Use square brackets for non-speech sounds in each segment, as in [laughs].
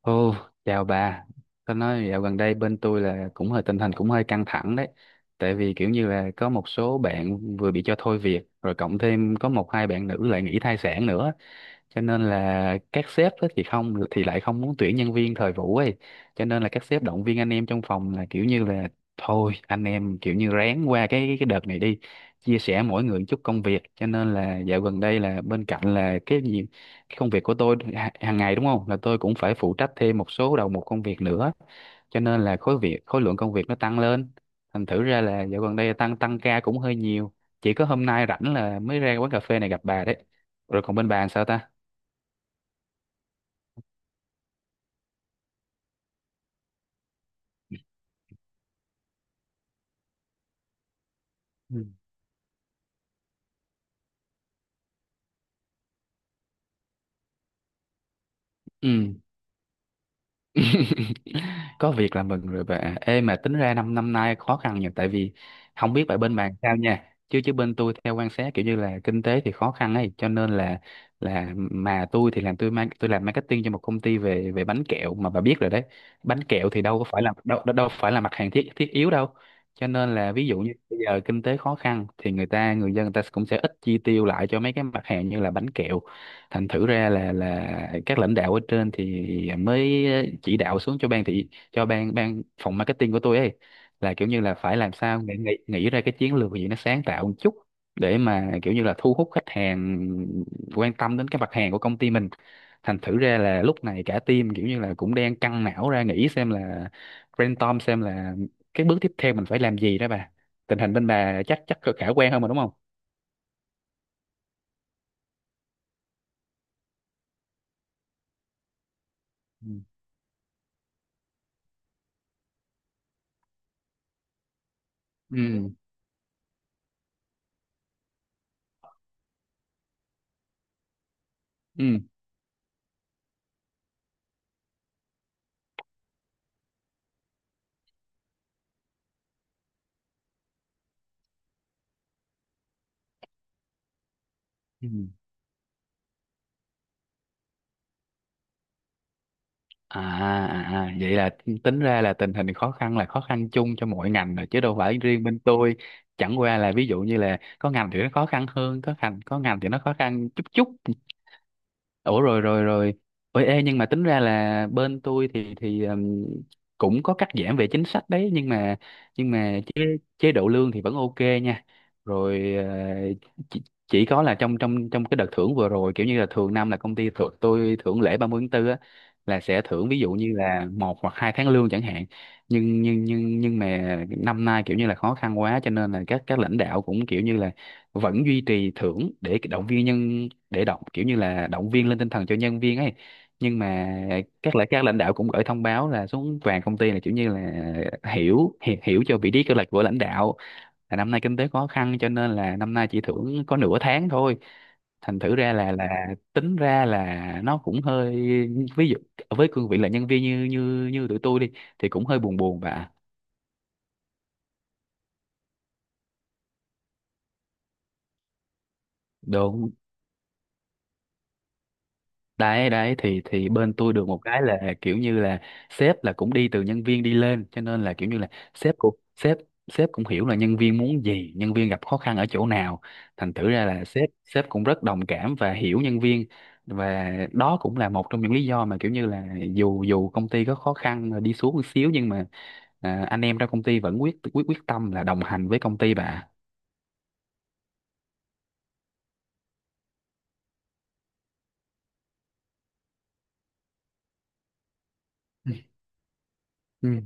Ồ, chào bà. Tôi nói dạo gần đây bên tôi là cũng hơi tình hình cũng hơi căng thẳng đấy. Tại vì kiểu như là có một số bạn vừa bị cho thôi việc, rồi cộng thêm có một hai bạn nữ lại nghỉ thai sản nữa. Cho nên là các sếp á thì lại không muốn tuyển nhân viên thời vụ ấy. Cho nên là các sếp động viên anh em trong phòng là kiểu như là thôi anh em kiểu như ráng qua cái đợt này đi, chia sẻ mỗi người một chút công việc. Cho nên là dạo gần đây là bên cạnh là cái gì cái công việc của tôi hàng ngày đúng không, là tôi cũng phải phụ trách thêm một số đầu mục công việc nữa, cho nên là khối lượng công việc nó tăng lên, thành thử ra là dạo gần đây tăng tăng ca cũng hơi nhiều. Chỉ có hôm nay rảnh là mới ra quán cà phê này gặp bà đấy, rồi còn bên bà làm sao ta? Ừ, ừ. [laughs] Có việc là mừng rồi bà. Ê, mà tính ra năm năm nay khó khăn nhiều, tại vì không biết bà bên bạn sao nha, chứ chứ bên tôi theo quan sát kiểu như là kinh tế thì khó khăn ấy. Cho nên là mà tôi thì làm tôi mang tôi làm marketing cho một công ty về về bánh kẹo, mà bà biết rồi đấy, bánh kẹo thì đâu có phải là đâu đâu đâu phải là mặt hàng thiết thiết yếu đâu. Cho nên là ví dụ như bây giờ kinh tế khó khăn thì người dân, người ta cũng sẽ ít chi tiêu lại cho mấy cái mặt hàng như là bánh kẹo. Thành thử ra là các lãnh đạo ở trên thì mới chỉ đạo xuống cho ban thị cho ban ban phòng marketing của tôi ấy, là kiểu như là phải làm sao nghĩ nghĩ nghĩ ra cái chiến lược gì nó sáng tạo một chút để mà kiểu như là thu hút khách hàng quan tâm đến cái mặt hàng của công ty mình. Thành thử ra là lúc này cả team kiểu như là cũng đang căng não ra nghĩ xem là brainstorm xem là cái bước tiếp theo mình phải làm gì đó bà. Tình hình bên bà chắc chắc khả quan hơn mà đúng không? Ừ, ừ, ừ. Ừ. À, à, à, vậy là tính ra là tình hình khó khăn là khó khăn chung cho mọi ngành rồi chứ đâu phải riêng bên tôi. Chẳng qua là ví dụ như là có ngành thì nó khó khăn hơn, có ngành thì nó khó khăn chút chút. Ủa, rồi, rồi, rồi. Ôi, ê, nhưng mà tính ra là bên tôi thì cũng có cắt giảm về chính sách đấy, nhưng mà chế chế độ lương thì vẫn ok nha. Rồi chỉ, chỉ có là trong trong trong cái đợt thưởng vừa rồi, kiểu như là thường năm là công ty thưởng thưởng lễ 30 tháng tư á, là sẽ thưởng ví dụ như là một hoặc hai tháng lương chẳng hạn. Nhưng mà năm nay kiểu như là khó khăn quá, cho nên là các lãnh đạo cũng kiểu như là vẫn duy trì thưởng để động viên nhân để động kiểu như là động viên lên tinh thần cho nhân viên ấy, nhưng mà các lãnh đạo cũng gửi thông báo là xuống toàn công ty, là kiểu như là hiểu hiểu, hiểu cho vị trí kế hoạch của lãnh đạo, là năm nay kinh tế khó khăn cho nên là năm nay chỉ thưởng có nửa tháng thôi. Thành thử ra là tính ra là nó cũng hơi, ví dụ với cương vị là nhân viên như như như tụi tôi đi thì cũng hơi buồn buồn và đúng. Đấy đấy thì bên tôi được một cái là kiểu như là sếp là cũng đi từ nhân viên đi lên, cho nên là kiểu như là sếp cũng sếp sếp cũng hiểu là nhân viên muốn gì, nhân viên gặp khó khăn ở chỗ nào. Thành thử ra là sếp sếp cũng rất đồng cảm và hiểu nhân viên, và đó cũng là một trong những lý do mà kiểu như là dù dù công ty có khó khăn rồi đi xuống một xíu, nhưng mà anh em trong công ty vẫn quyết quyết quyết tâm là đồng hành với công ty bà. Ừ.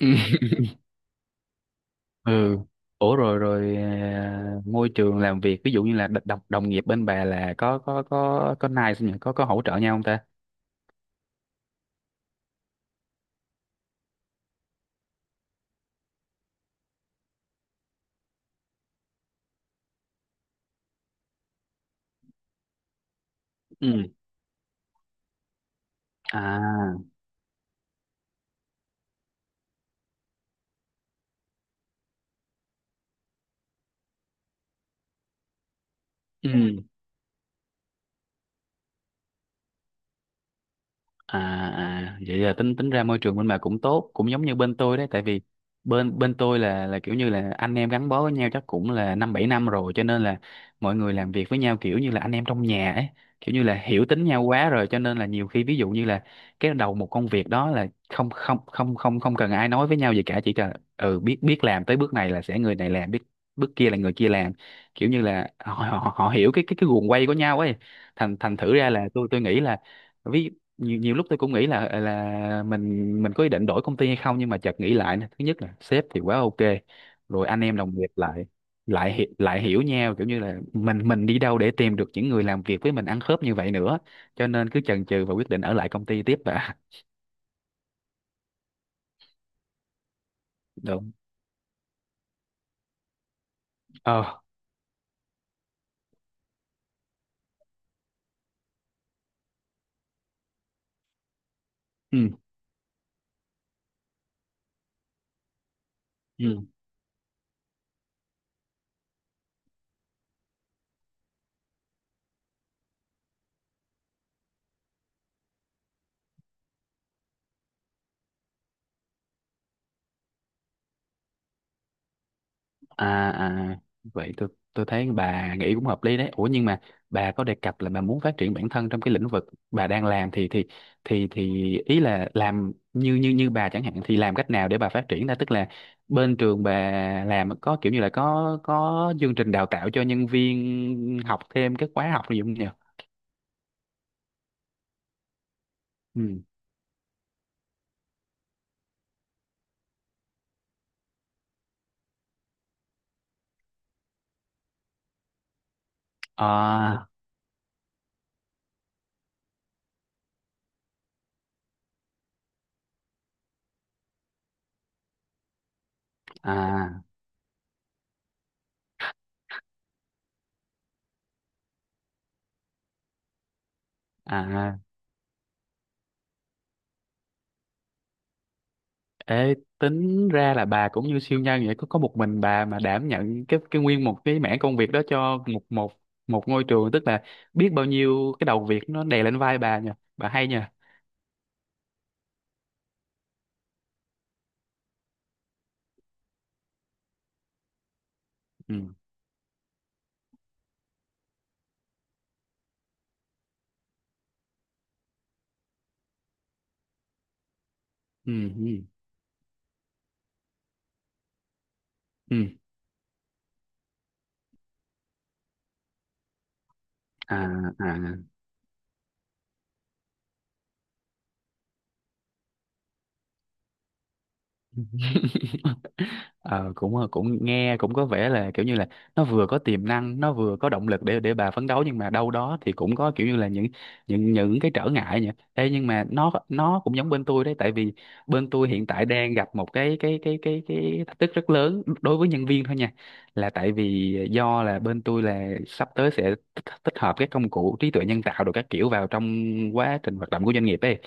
Ừ. Ừ. Ủa, rồi rồi, à, môi trường làm việc ví dụ như là đ- đồng đồng nghiệp bên bà là có nice không nhỉ? Có hỗ trợ nhau không ta? Ừ, à, ừ, à, à, vậy là tính tính ra môi trường bên bà cũng tốt, cũng giống như bên tôi đấy. Tại vì bên bên tôi là kiểu như là anh em gắn bó với nhau chắc cũng là năm bảy năm rồi, cho nên là mọi người làm việc với nhau kiểu như là anh em trong nhà ấy. Kiểu như là hiểu tính nhau quá rồi, cho nên là nhiều khi ví dụ như là cái đầu một công việc đó là không không không không không cần ai nói với nhau gì cả, chỉ cần ừ, biết biết làm tới bước này là sẽ người này làm, biết bước kia là người kia làm, kiểu như là họ họ, họ hiểu cái guồng quay của nhau ấy. Thành thành thử ra là tôi nghĩ là, ví nhiều nhiều lúc tôi cũng nghĩ là là mình có ý định đổi công ty hay không, nhưng mà chợt nghĩ lại nè. Thứ nhất là sếp thì quá ok, rồi anh em đồng nghiệp lại lại hi- lại hiểu nhau, kiểu như là mình đi đâu để tìm được những người làm việc với mình ăn khớp như vậy nữa? Cho nên cứ chần chừ và quyết định ở lại công ty tiếp, và [laughs] đúng, ờ, ừ, ừ. À, à, vậy tôi thấy bà nghĩ cũng hợp lý đấy. Ủa, nhưng mà bà có đề cập là bà muốn phát triển bản thân trong cái lĩnh vực bà đang làm thì ý là làm như như như bà chẳng hạn thì làm cách nào để bà phát triển ra, tức là bên trường bà làm có kiểu như là có chương trình đào tạo cho nhân viên học thêm các khóa học gì không nhỉ? Ừ. À, à, à. Ê, tính ra là bà cũng như siêu nhân vậy, có một mình bà mà đảm nhận cái nguyên một cái mảng công việc đó cho một một một ngôi trường, tức là biết bao nhiêu cái đầu việc nó đè lên vai bà nha, bà hay nha. Ừ, ừ, ừ, ừ, à, à. Cũng nghe cũng có vẻ là kiểu như là nó vừa có tiềm năng, nó vừa có động lực để bà phấn đấu, nhưng mà đâu đó thì cũng có kiểu như là những cái trở ngại nhỉ. Ê, nhưng mà nó cũng giống bên tôi đấy. Tại vì bên tôi hiện tại đang gặp một cái thách thức rất lớn đối với nhân viên thôi nha, là tại vì do là bên tôi là sắp tới sẽ tích tích hợp các công cụ trí tuệ nhân tạo rồi các kiểu vào trong quá trình hoạt động của doanh nghiệp ấy.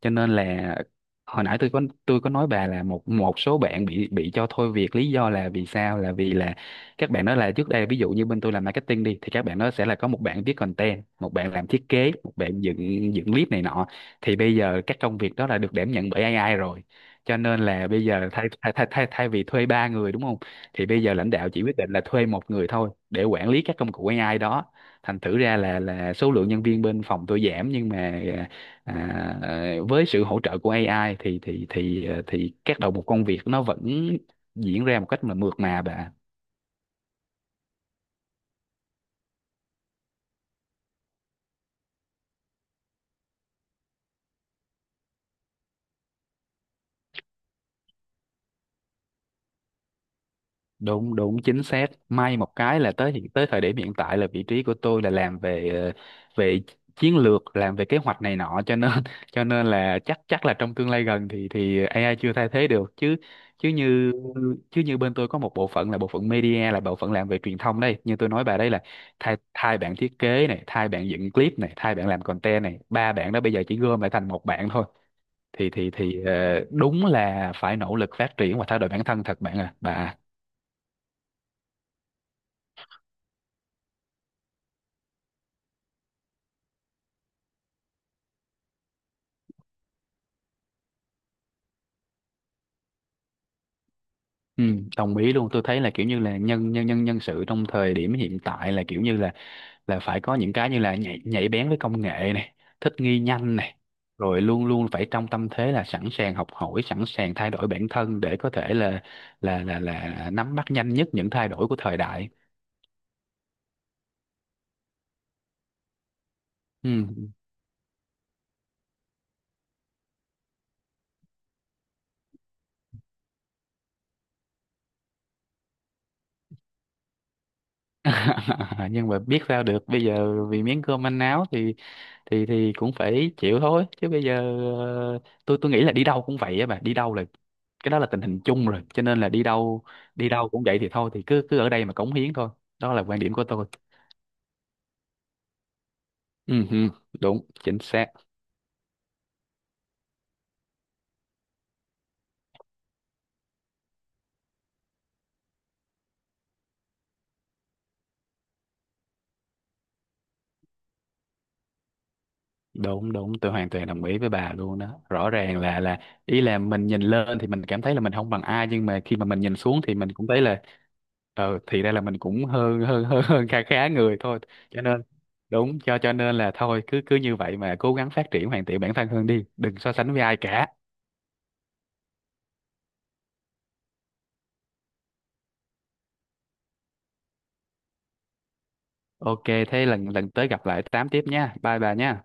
Cho nên là hồi nãy tôi có nói bà là một một số bạn bị cho thôi việc, lý do là vì sao? Là vì là các bạn đó là trước đây ví dụ như bên tôi làm marketing đi, thì các bạn đó sẽ là có một bạn viết content, một bạn làm thiết kế, một bạn dựng dựng clip này nọ. Thì bây giờ các công việc đó là được đảm nhận bởi AI rồi, cho nên là bây giờ thay thay thay thay, thay vì thuê ba người đúng không, thì bây giờ lãnh đạo chỉ quyết định là thuê một người thôi để quản lý các công cụ AI đó. Thành thử ra là số lượng nhân viên bên phòng tôi giảm, nhưng mà à, với sự hỗ trợ của AI thì thì các đầu mục công việc nó vẫn diễn ra một cách mà mượt mà bà. Đúng đúng chính xác, may một cái là tới thời điểm hiện tại là vị trí của tôi là làm về về chiến lược, làm về kế hoạch này nọ, cho nên [laughs] cho nên là chắc chắc là trong tương lai gần thì AI chưa thay thế được, chứ chứ như chứ như bên tôi có một bộ phận là bộ phận media, là bộ phận làm về truyền thông, đây như tôi nói bà đấy, là thay thay bạn thiết kế này, thay bạn dựng clip này, thay bạn làm content này, ba bạn đó bây giờ chỉ gom lại thành một bạn thôi. Đúng là phải nỗ lực phát triển và thay đổi bản thân thật bạn à bà. Ừ, đồng ý luôn, tôi thấy là kiểu như là nhân nhân nhân nhân sự trong thời điểm hiện tại là kiểu như là phải có những cái như là nhạy bén với công nghệ này, thích nghi nhanh này, rồi luôn luôn phải trong tâm thế là sẵn sàng học hỏi, sẵn sàng thay đổi bản thân để có thể là nắm bắt nhanh nhất những thay đổi của thời đại. Ừ. [laughs] Nhưng mà biết sao được bây giờ, vì miếng cơm manh áo thì thì cũng phải chịu thôi. Chứ bây giờ ờ, tôi nghĩ là đi đâu cũng vậy á bà, đi đâu là cái đó là tình hình chung rồi, cho nên là đi đâu cũng vậy, thì thôi thì cứ cứ ở đây mà cống hiến thôi. Đó là quan điểm của tôi. Ừ, ừ, đúng, chính xác. Đúng đúng tôi hoàn toàn đồng ý với bà luôn đó, rõ ràng là ý là mình nhìn lên thì mình cảm thấy là mình không bằng ai, nhưng mà khi mà mình nhìn xuống thì mình cũng thấy là ờ, thì ra là mình cũng hơn hơn [laughs] hơn hơn khá khá người thôi, cho nên đúng, cho nên là thôi cứ cứ như vậy mà cố gắng phát triển hoàn thiện bản thân hơn đi, đừng so sánh với ai cả. Ok, thế lần lần tới gặp lại tám tiếp nha, bye bà nha.